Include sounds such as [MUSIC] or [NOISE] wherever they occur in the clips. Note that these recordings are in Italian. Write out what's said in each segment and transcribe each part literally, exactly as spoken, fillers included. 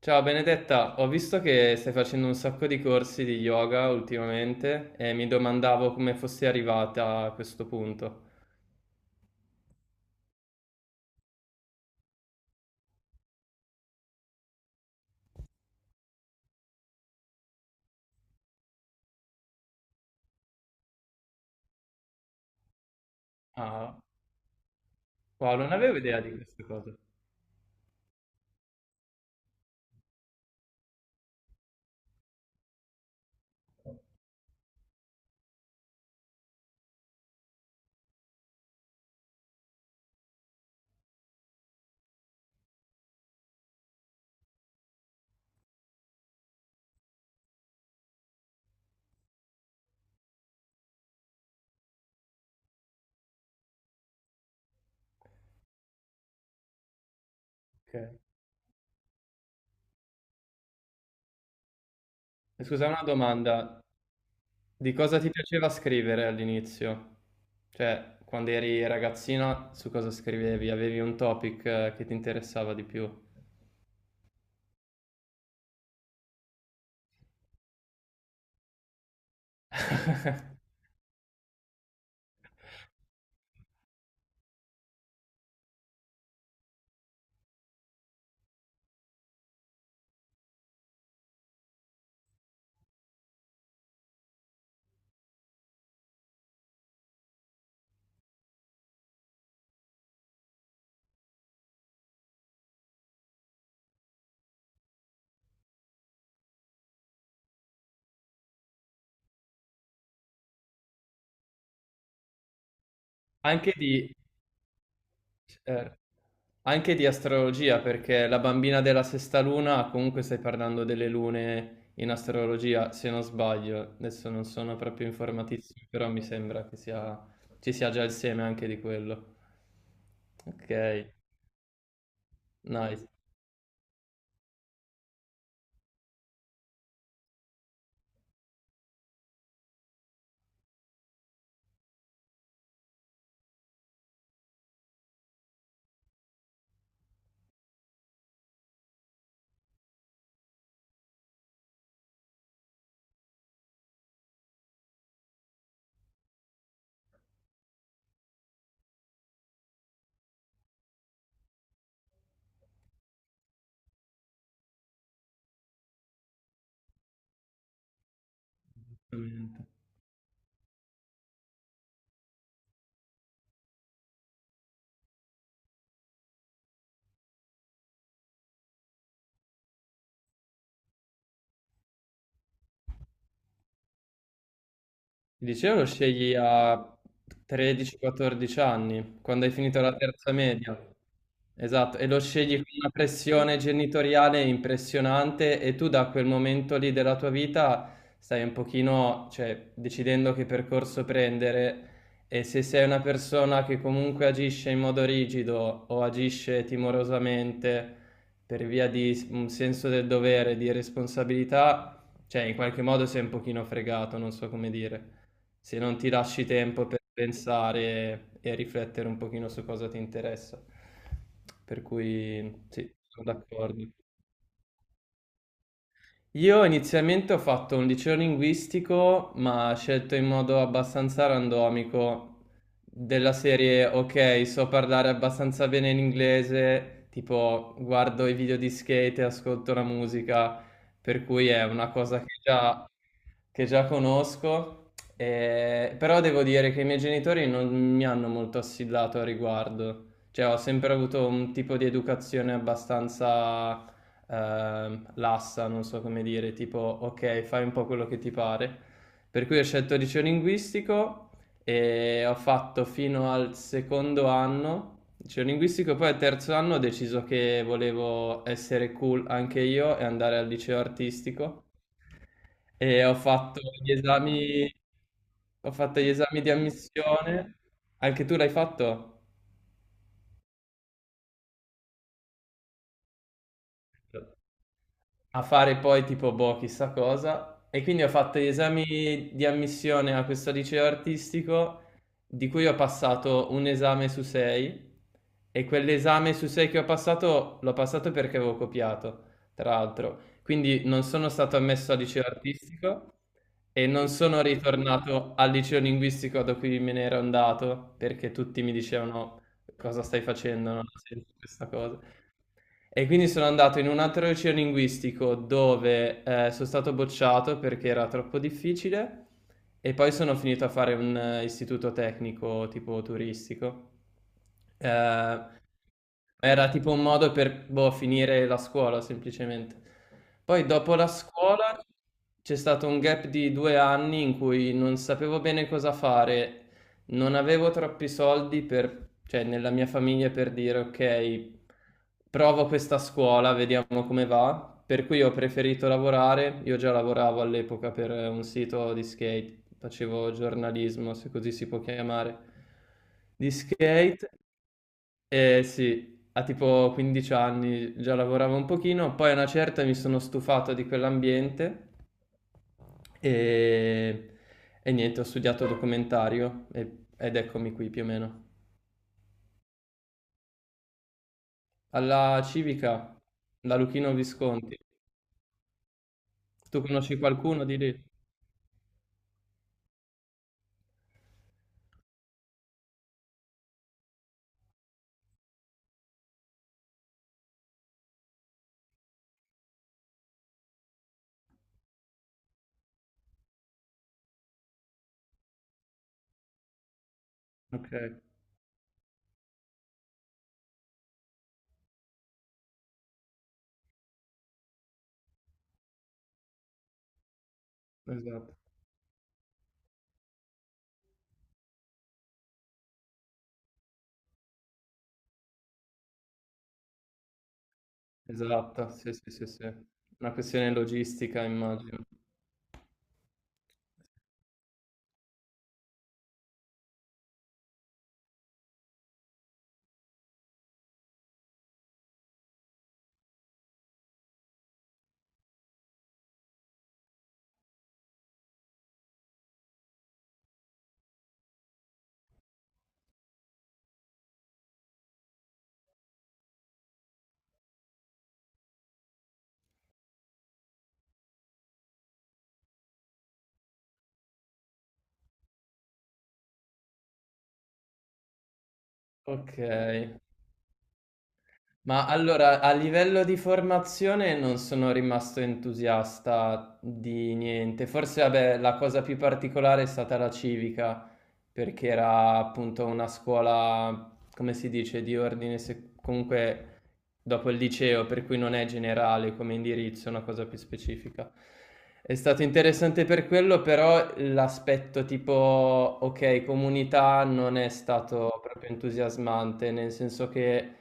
Ciao Benedetta, ho visto che stai facendo un sacco di corsi di yoga ultimamente e mi domandavo come fossi arrivata a questo punto. Ah, wow, non avevo idea di queste cose. Ok. E scusa, una domanda. Di cosa ti piaceva scrivere all'inizio? Cioè, quando eri ragazzina, su cosa scrivevi? Avevi un topic eh, che ti interessava di più? Anche di, certo. Anche di astrologia, perché la bambina della sesta luna, comunque stai parlando delle lune in astrologia, se non sbaglio. Adesso non sono proprio informatissimo, però mi sembra che sia, ci sia già il seme anche di quello. Ok, nice. Il liceo lo scegli a tredici quattordici anni, quando hai finito la terza media. Esatto, e lo scegli con una pressione genitoriale impressionante e tu da quel momento lì della tua vita stai un pochino, cioè, decidendo che percorso prendere e se sei una persona che comunque agisce in modo rigido o agisce timorosamente per via di s- un senso del dovere, di responsabilità, cioè in qualche modo sei un pochino fregato, non so come dire se non ti lasci tempo per pensare e riflettere un pochino su cosa ti interessa. Per cui sì, sono d'accordo. Io inizialmente ho fatto un liceo linguistico, ma scelto in modo abbastanza randomico, della serie, ok, so parlare abbastanza bene l'inglese, tipo guardo i video di skate e ascolto la musica, per cui è una cosa che già, che già conosco, eh, però devo dire che i miei genitori non mi hanno molto assillato a riguardo, cioè ho sempre avuto un tipo di educazione abbastanza ehm, lassa, non so come dire, tipo ok, fai un po' quello che ti pare. Per cui ho scelto liceo linguistico e ho fatto fino al secondo anno liceo linguistico, poi al terzo anno ho deciso che volevo essere cool anche io e andare al liceo artistico e ho fatto gli esami, ho fatto gli esami di ammissione. Anche tu l'hai fatto? A fare poi tipo boh, chissà cosa. E quindi ho fatto gli esami di ammissione a questo liceo artistico, di cui ho passato un esame su sei. E quell'esame su sei che ho passato, l'ho passato perché avevo copiato, tra l'altro. Quindi non sono stato ammesso al liceo artistico e non sono ritornato al liceo linguistico da cui me ne ero andato, perché tutti mi dicevano cosa stai facendo, non ha senso questa cosa. E quindi sono andato in un altro liceo linguistico dove eh, sono stato bocciato perché era troppo difficile e poi sono finito a fare un eh, istituto tecnico tipo turistico. Eh, Era tipo un modo per, boh, finire la scuola semplicemente. Poi dopo la scuola c'è stato un gap di due anni in cui non sapevo bene cosa fare, non avevo troppi soldi per, cioè, nella mia famiglia per dire ok, provo questa scuola, vediamo come va. Per cui ho preferito lavorare, io già lavoravo all'epoca per un sito di skate, facevo giornalismo, se così si può chiamare, di skate. Eh sì, a tipo quindici anni già lavoravo un pochino, poi a una certa mi sono stufato di quell'ambiente e, e niente, ho studiato documentario e- ed eccomi qui più o meno. Alla Civica, da Luchino Visconti. Tu conosci qualcuno di lì? Ok, esatto. Esatto, sì, sì, sì, sì. Una questione logistica, immagino. Ok, ma allora, a livello di formazione non sono rimasto entusiasta di niente. Forse, vabbè, la cosa più particolare è stata la civica, perché era appunto una scuola, come si dice, di ordine, sec- comunque dopo il liceo, per cui non è generale come indirizzo, è una cosa più specifica. È stato interessante per quello, però l'aspetto tipo, ok, comunità non è stato proprio entusiasmante, nel senso che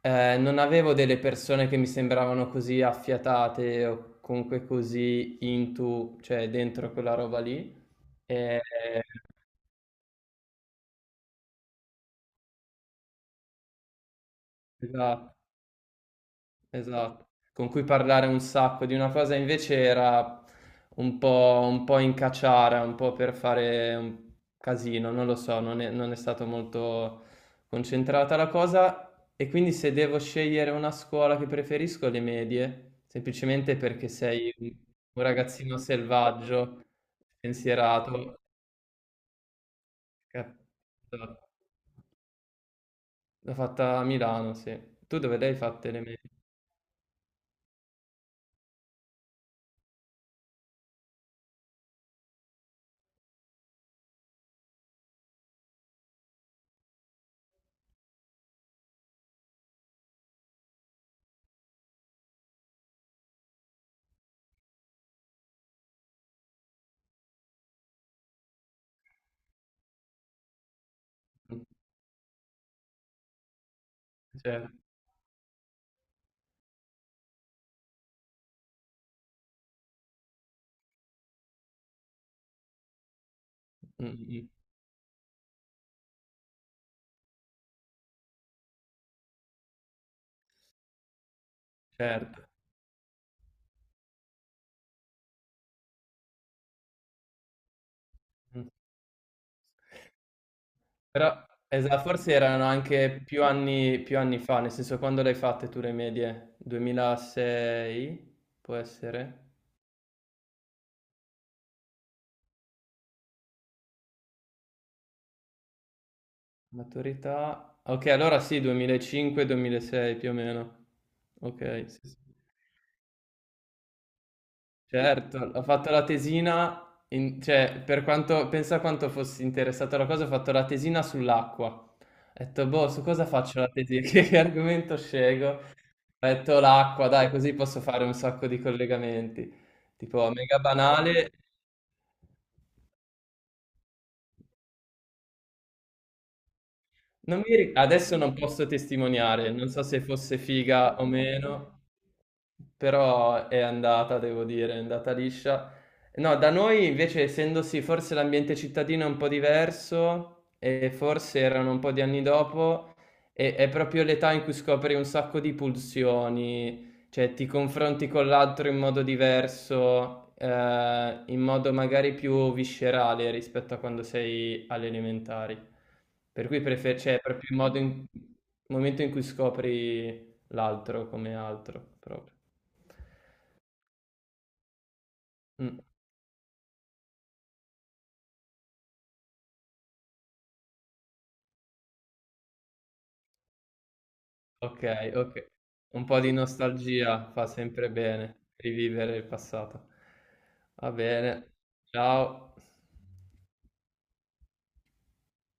eh, non avevo delle persone che mi sembravano così affiatate o comunque così into, cioè dentro quella roba lì. E, eh, Esatto, con cui parlare un sacco di una cosa invece era un po', un po' in cacciara, un po' per fare un casino, non lo so, non è, non è stata molto concentrata la cosa e quindi se devo scegliere una scuola che preferisco le medie, semplicemente perché sei un un ragazzino selvaggio, pensierato, che- esatto. L'ho fatta a Milano, sì. Tu dove l'hai fatte le medie? Cioè, mm, mm, certo. Mh. Però esa forse erano anche più anni più anni fa, nel senso quando le hai fatte tu le medie? duemilasei? Può essere? Maturità okay, allora sì, duemilacinque, duemilasei più o meno. Okay, sì, sì. Certo, ho fatto la tesina in cioè per quanto pensa quanto fossi interessato alla cosa, ho fatto la tesina sull'acqua. Ho detto: "Boh, su cosa faccio la tesi [LAUGHS] che argomento scelgo?" Metto l'acqua, dai, così posso fare un sacco di collegamenti. Tipo, mega banale. Non mi ri- Adesso non posso testimoniare, non so se fosse figa o meno, però è andata, devo dire, è andata liscia. No, da noi invece, essendosi forse l'ambiente cittadino è un po' diverso, e forse erano un po' di anni dopo, e- è proprio l'età in cui scopri un sacco di pulsioni, cioè, ti confronti con l'altro in modo diverso, eh, in modo magari più viscerale rispetto a quando sei alle elementari. Per cui prefer- cioè, è proprio il modo in- il momento in cui scopri l'altro come altro, proprio. Mm, ok, ok. Un po' di nostalgia fa sempre bene, rivivere il passato. Va bene, ciao.